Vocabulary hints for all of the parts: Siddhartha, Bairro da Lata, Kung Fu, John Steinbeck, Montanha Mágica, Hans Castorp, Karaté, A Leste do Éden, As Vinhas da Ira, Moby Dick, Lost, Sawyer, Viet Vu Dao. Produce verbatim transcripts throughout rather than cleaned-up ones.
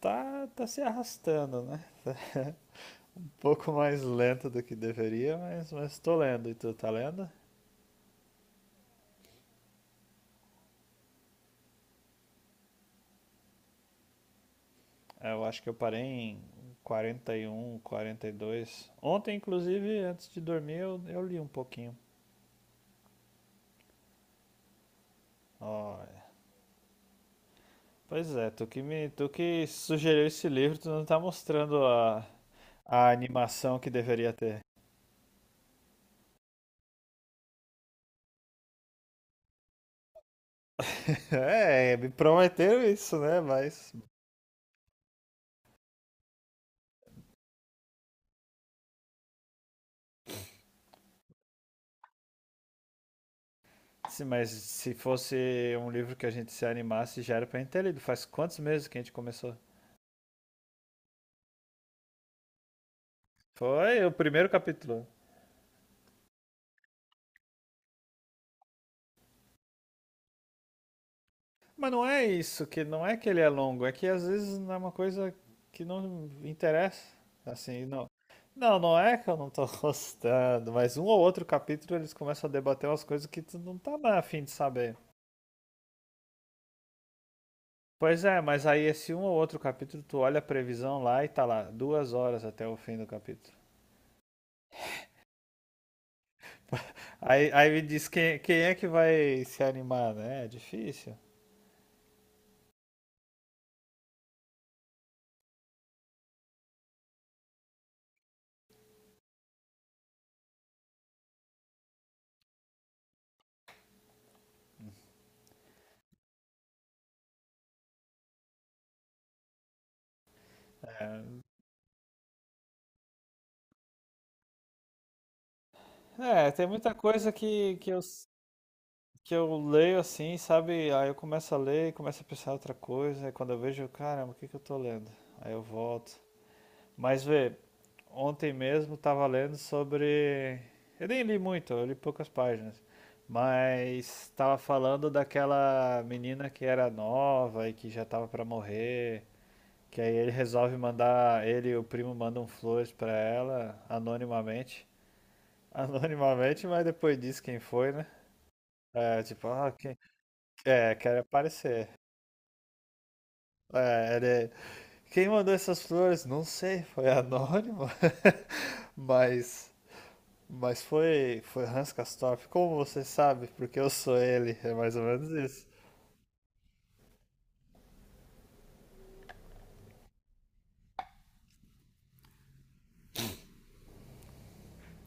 Tá, tá se arrastando, né? um pouco mais lento do que deveria, mas, mas tô lendo. E tu tá lendo? É, eu acho que eu parei em quarenta quarenta e um quarenta e dois. Ontem, inclusive, antes de dormir, eu, eu li um pouquinho. Olha. Pois é, tu que, me, tu que sugeriu esse livro, tu não tá mostrando a, a animação que deveria ter. É, me prometeram isso, né? Mas Sim, mas se fosse um livro que a gente se animasse, já era pra gente ter lido. Faz quantos meses que a gente começou? Foi o primeiro capítulo. Mas não é isso, que não é que ele é longo, é que às vezes não é uma coisa que não interessa. Assim, não. Não, não é que eu não tô gostando, mas um ou outro capítulo eles começam a debater umas coisas que tu não tá mais a fim de saber. Pois é, mas aí esse um ou outro capítulo, tu olha a previsão lá e tá lá, duas horas até o fim do capítulo. Aí, aí me diz quem, quem é que vai se animar, né? É difícil. É, tem muita coisa que, que eu, s- que eu leio assim, sabe? Aí eu começo a ler, começo a pensar em outra coisa, aí quando eu vejo, caramba, o que que eu tô lendo? Aí eu volto. Mas vê, ontem mesmo tava lendo sobre. Eu nem li muito, eu li poucas páginas. Mas tava falando daquela menina que era nova e que já tava pra morrer. Que aí ele resolve mandar, ele e o primo mandam flores pra ela, anonimamente. Anonimamente, mas depois diz quem foi, né? É, tipo, ah, quem... É, quero aparecer. É, ele... Quem mandou essas flores? Não sei, foi anônimo. mas... Mas foi, foi Hans Castorp. Como você sabe? Porque eu sou ele. É mais ou menos isso.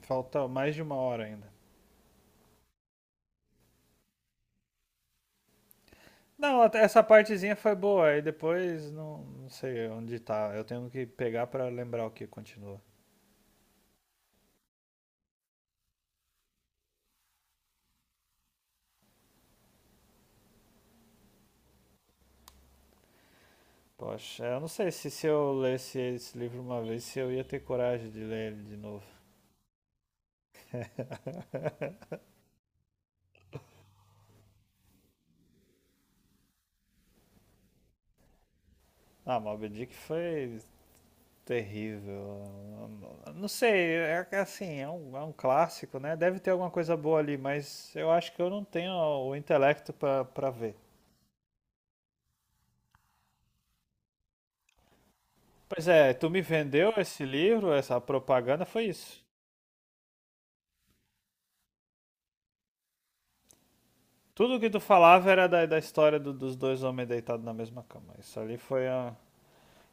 Falta mais de uma hora ainda. Não, até essa partezinha foi boa, aí depois não, não sei onde tá. Eu tenho que pegar pra lembrar o que continua. Poxa, eu não sei se, se eu lesse esse livro uma vez, se eu ia ter coragem de ler ele de novo. Ah, Moby Dick foi terrível. Eu- Não sei, é que, assim, é um, é um clássico, né? Deve ter alguma coisa boa ali, mas eu acho que eu não tenho o intelecto pra pra ver. Pois é, tu me vendeu esse livro, essa propaganda, foi isso. Tudo que tu falava era da, da história do- dos dois homens deitados na mesma cama. Isso ali foi a,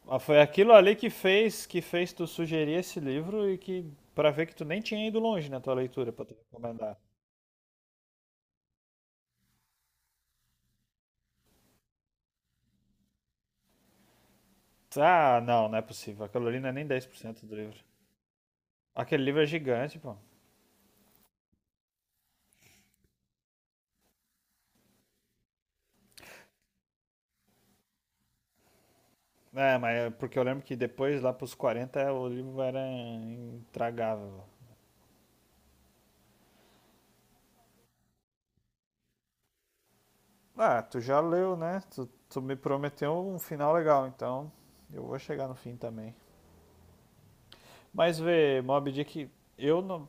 a- foi aquilo ali que fez que fez tu sugerir esse livro e que pra ver que tu nem tinha ido longe na tua leitura pra tu recomendar. Ah, não, não é possível. Aquilo ali não é nem dez por cento do livro. Aquele livro é gigante, pô. É, mas é porque eu lembro que depois, lá pros quarenta o livro era intragável. Ah, tu já leu, né? Tu, tu me prometeu um final legal, então eu vou chegar no fim também. Mas vê, Mob Dick, eu não.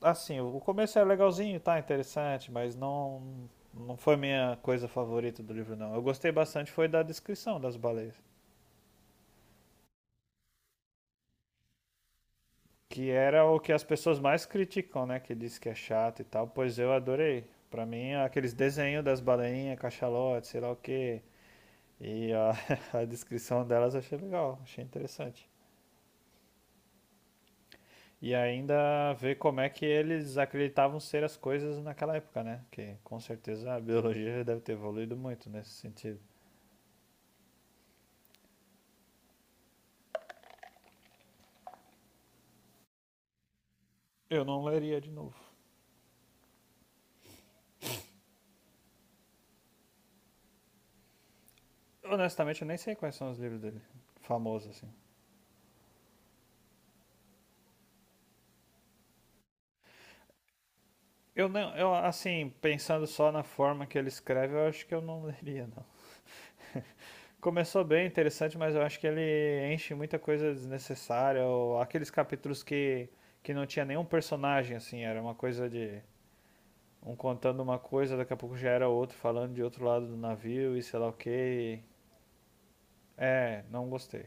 Assim, o começo é legalzinho, tá interessante, mas não. Não foi minha coisa favorita do livro, não. Eu gostei bastante foi da descrição das baleias. Que era o que as pessoas mais criticam, né? Que diz que é chato e tal. Pois eu adorei. Pra mim, aqueles desenhos das baleinhas, cachalote, sei lá o quê. E a, a descrição delas eu achei legal, achei interessante. E ainda ver como é que eles acreditavam ser as coisas naquela época, né? Que com certeza a biologia deve ter evoluído muito nesse sentido. Eu não leria de novo. Honestamente, eu nem sei quais são os livros dele, famosos assim. Eu não, eu assim, pensando só na forma que ele escreve, eu acho que eu não leria não. Começou bem interessante, mas eu acho que ele enche muita coisa desnecessária, ou aqueles capítulos que que não tinha nenhum personagem assim, era uma coisa de um contando uma coisa, daqui a pouco já era outro falando de outro lado do navio e sei lá o que. É, não gostei.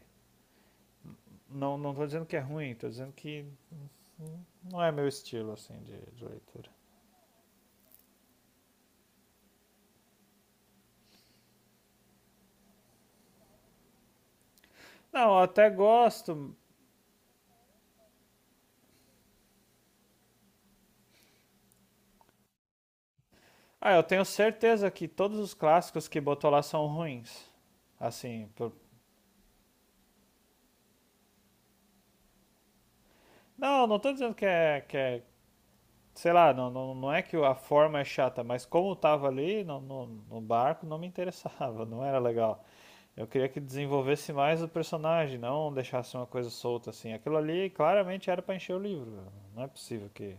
Não, não tô dizendo que é ruim, tô dizendo que não é meu estilo, assim, de, de leitura. Não, eu até gosto. Ah, eu tenho certeza que todos os clássicos que botou lá são ruins. Assim, por... não, não tô dizendo que é, que é, sei lá, não, não, não é que a forma é chata, mas como eu tava ali no, no, no barco, não me interessava, não era legal. Eu queria que desenvolvesse mais o personagem, não deixasse uma coisa solta assim. Aquilo ali claramente era pra encher o livro. Velho. Não é possível que,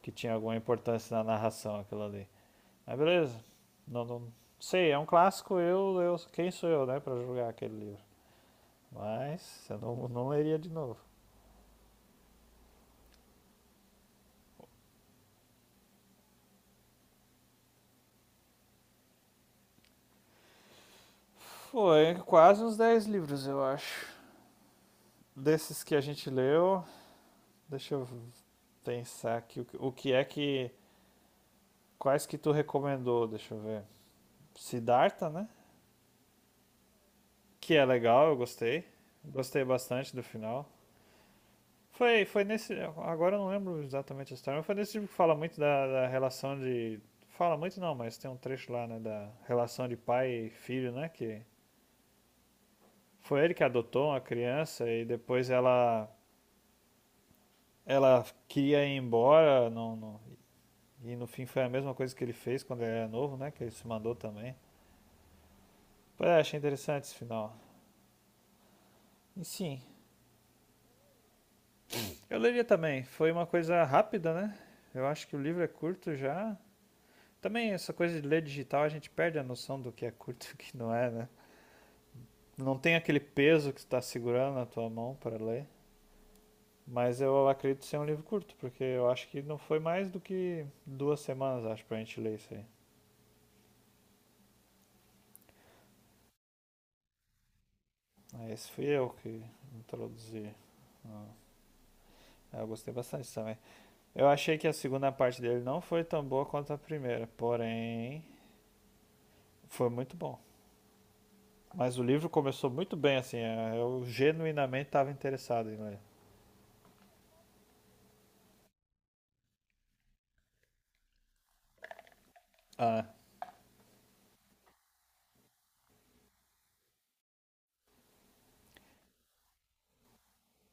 que tinha alguma importância na narração aquilo ali. Mas beleza. Não, não sei, é um clássico, eu, eu quem sou eu, né, pra julgar aquele livro. Mas eu não, não leria de novo. Foi quase uns dez livros, eu acho. Desses que a gente leu, deixa eu pensar aqui o que, o que é que. Quais que tu recomendou? Deixa eu ver. Siddhartha, né? Que é legal, eu gostei. Gostei bastante do final. Foi, foi nesse. Agora eu não lembro exatamente a história, mas foi nesse tipo que fala muito da, da relação de. Fala muito não, mas tem um trecho lá, né? Da relação de pai e filho, né? Que foi ele que adotou uma criança e depois ela, ela queria ir embora. Não, não- e no fim foi a mesma coisa que ele fez quando ele era novo, né? Que ele se mandou também. Pois é, achei interessante esse final. E sim, eu leria também. Foi uma coisa rápida, né? Eu acho que o livro é curto já. Também essa coisa de ler digital, a gente perde a noção do que é curto e o que não é, né? Não tem aquele peso que você está segurando na tua mão para ler. Mas eu acredito ser um livro curto, porque eu acho que não foi mais do que duas semanas, acho, pra gente ler isso aí. Aí esse fui eu que introduzi. Ah, eu gostei bastante também. Eu achei que a segunda parte dele não foi tão boa quanto a primeira, porém foi muito bom. Mas o livro começou muito bem, assim, é, eu genuinamente estava interessado em ler. Ah,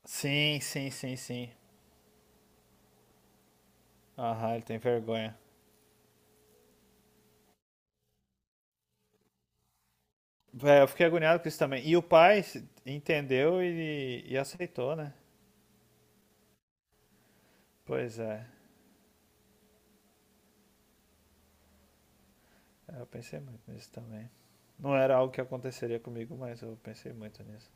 sim, sim, sim, sim. Aham, ele tem vergonha. É, eu fiquei agoniado com isso também. E o pai se- entendeu e, e aceitou, né? Pois é. É, eu pensei muito nisso também. Não era algo que aconteceria comigo, mas eu pensei muito nisso.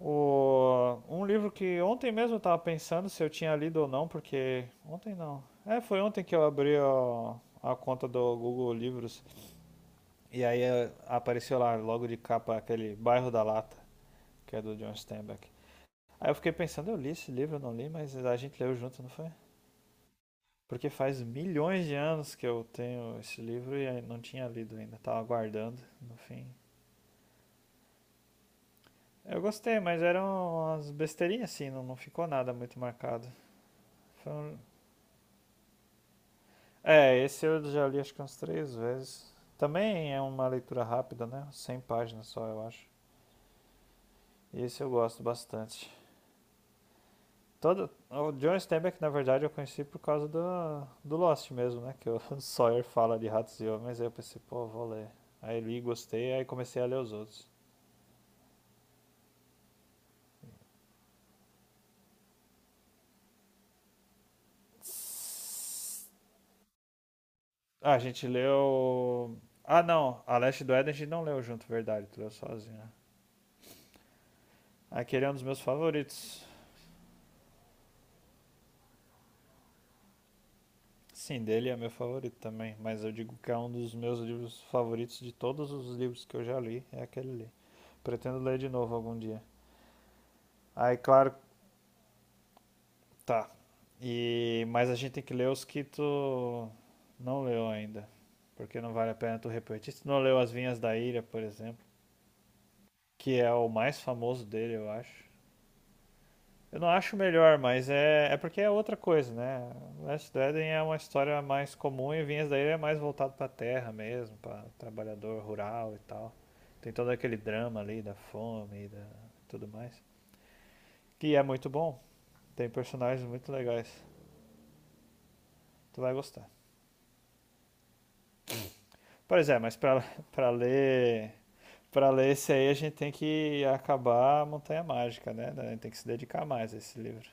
O, um livro que ontem mesmo eu tava pensando se eu tinha lido ou não, porque. Ontem não. É, foi ontem que eu abri a, a conta do Google Livros. E aí é, apareceu lá, logo de capa, aquele Bairro da Lata, que é do John Steinbeck. Aí eu fiquei pensando, eu li esse livro, eu não li, mas a gente leu junto, não foi? Porque faz milhões de anos que eu tenho esse livro e não tinha lido ainda, tava aguardando, no fim. Eu gostei, mas eram umas besteirinhas assim, não, não ficou nada muito marcado. Foi um- É, esse eu já li acho que umas três vezes. Também é uma leitura rápida, né? Cem páginas só, eu acho. E esse eu gosto bastante. Todo, o John Steinbeck, na verdade, eu conheci por causa do, do Lost mesmo, né? Que o Sawyer fala de ratos e homens, aí eu pensei, pô, vou ler. Aí li, gostei, aí comecei a ler os outros. Ah, a gente leu. Ah, não, A Leste do Éden a gente não leu junto, verdade, tu leu sozinho, né? Aquele é um dos meus favoritos. Sim, dele é meu favorito também, mas eu digo que é um dos meus livros favoritos de todos os livros que eu já li, é aquele ali. Pretendo ler de novo algum dia. Aí, claro. Tá. E mas a gente tem que ler os que tu não leu ainda, porque não vale a pena tu repetir. Se tu não leu As Vinhas da Ira, por exemplo, que é o mais famoso dele, eu acho. Eu não acho o melhor, mas é, é porque é outra coisa, né? Last of the Eden é uma história mais comum e Vinhas da Ira é mais voltado pra terra mesmo, pra trabalhador rural e tal. Tem todo aquele drama ali da fome e da tudo mais, que é muito bom. Tem personagens muito legais. Tu vai gostar. Pois é, mas para para ler para ler esse aí a gente tem que acabar a Montanha Mágica, né? A gente tem que se dedicar mais a esse livro.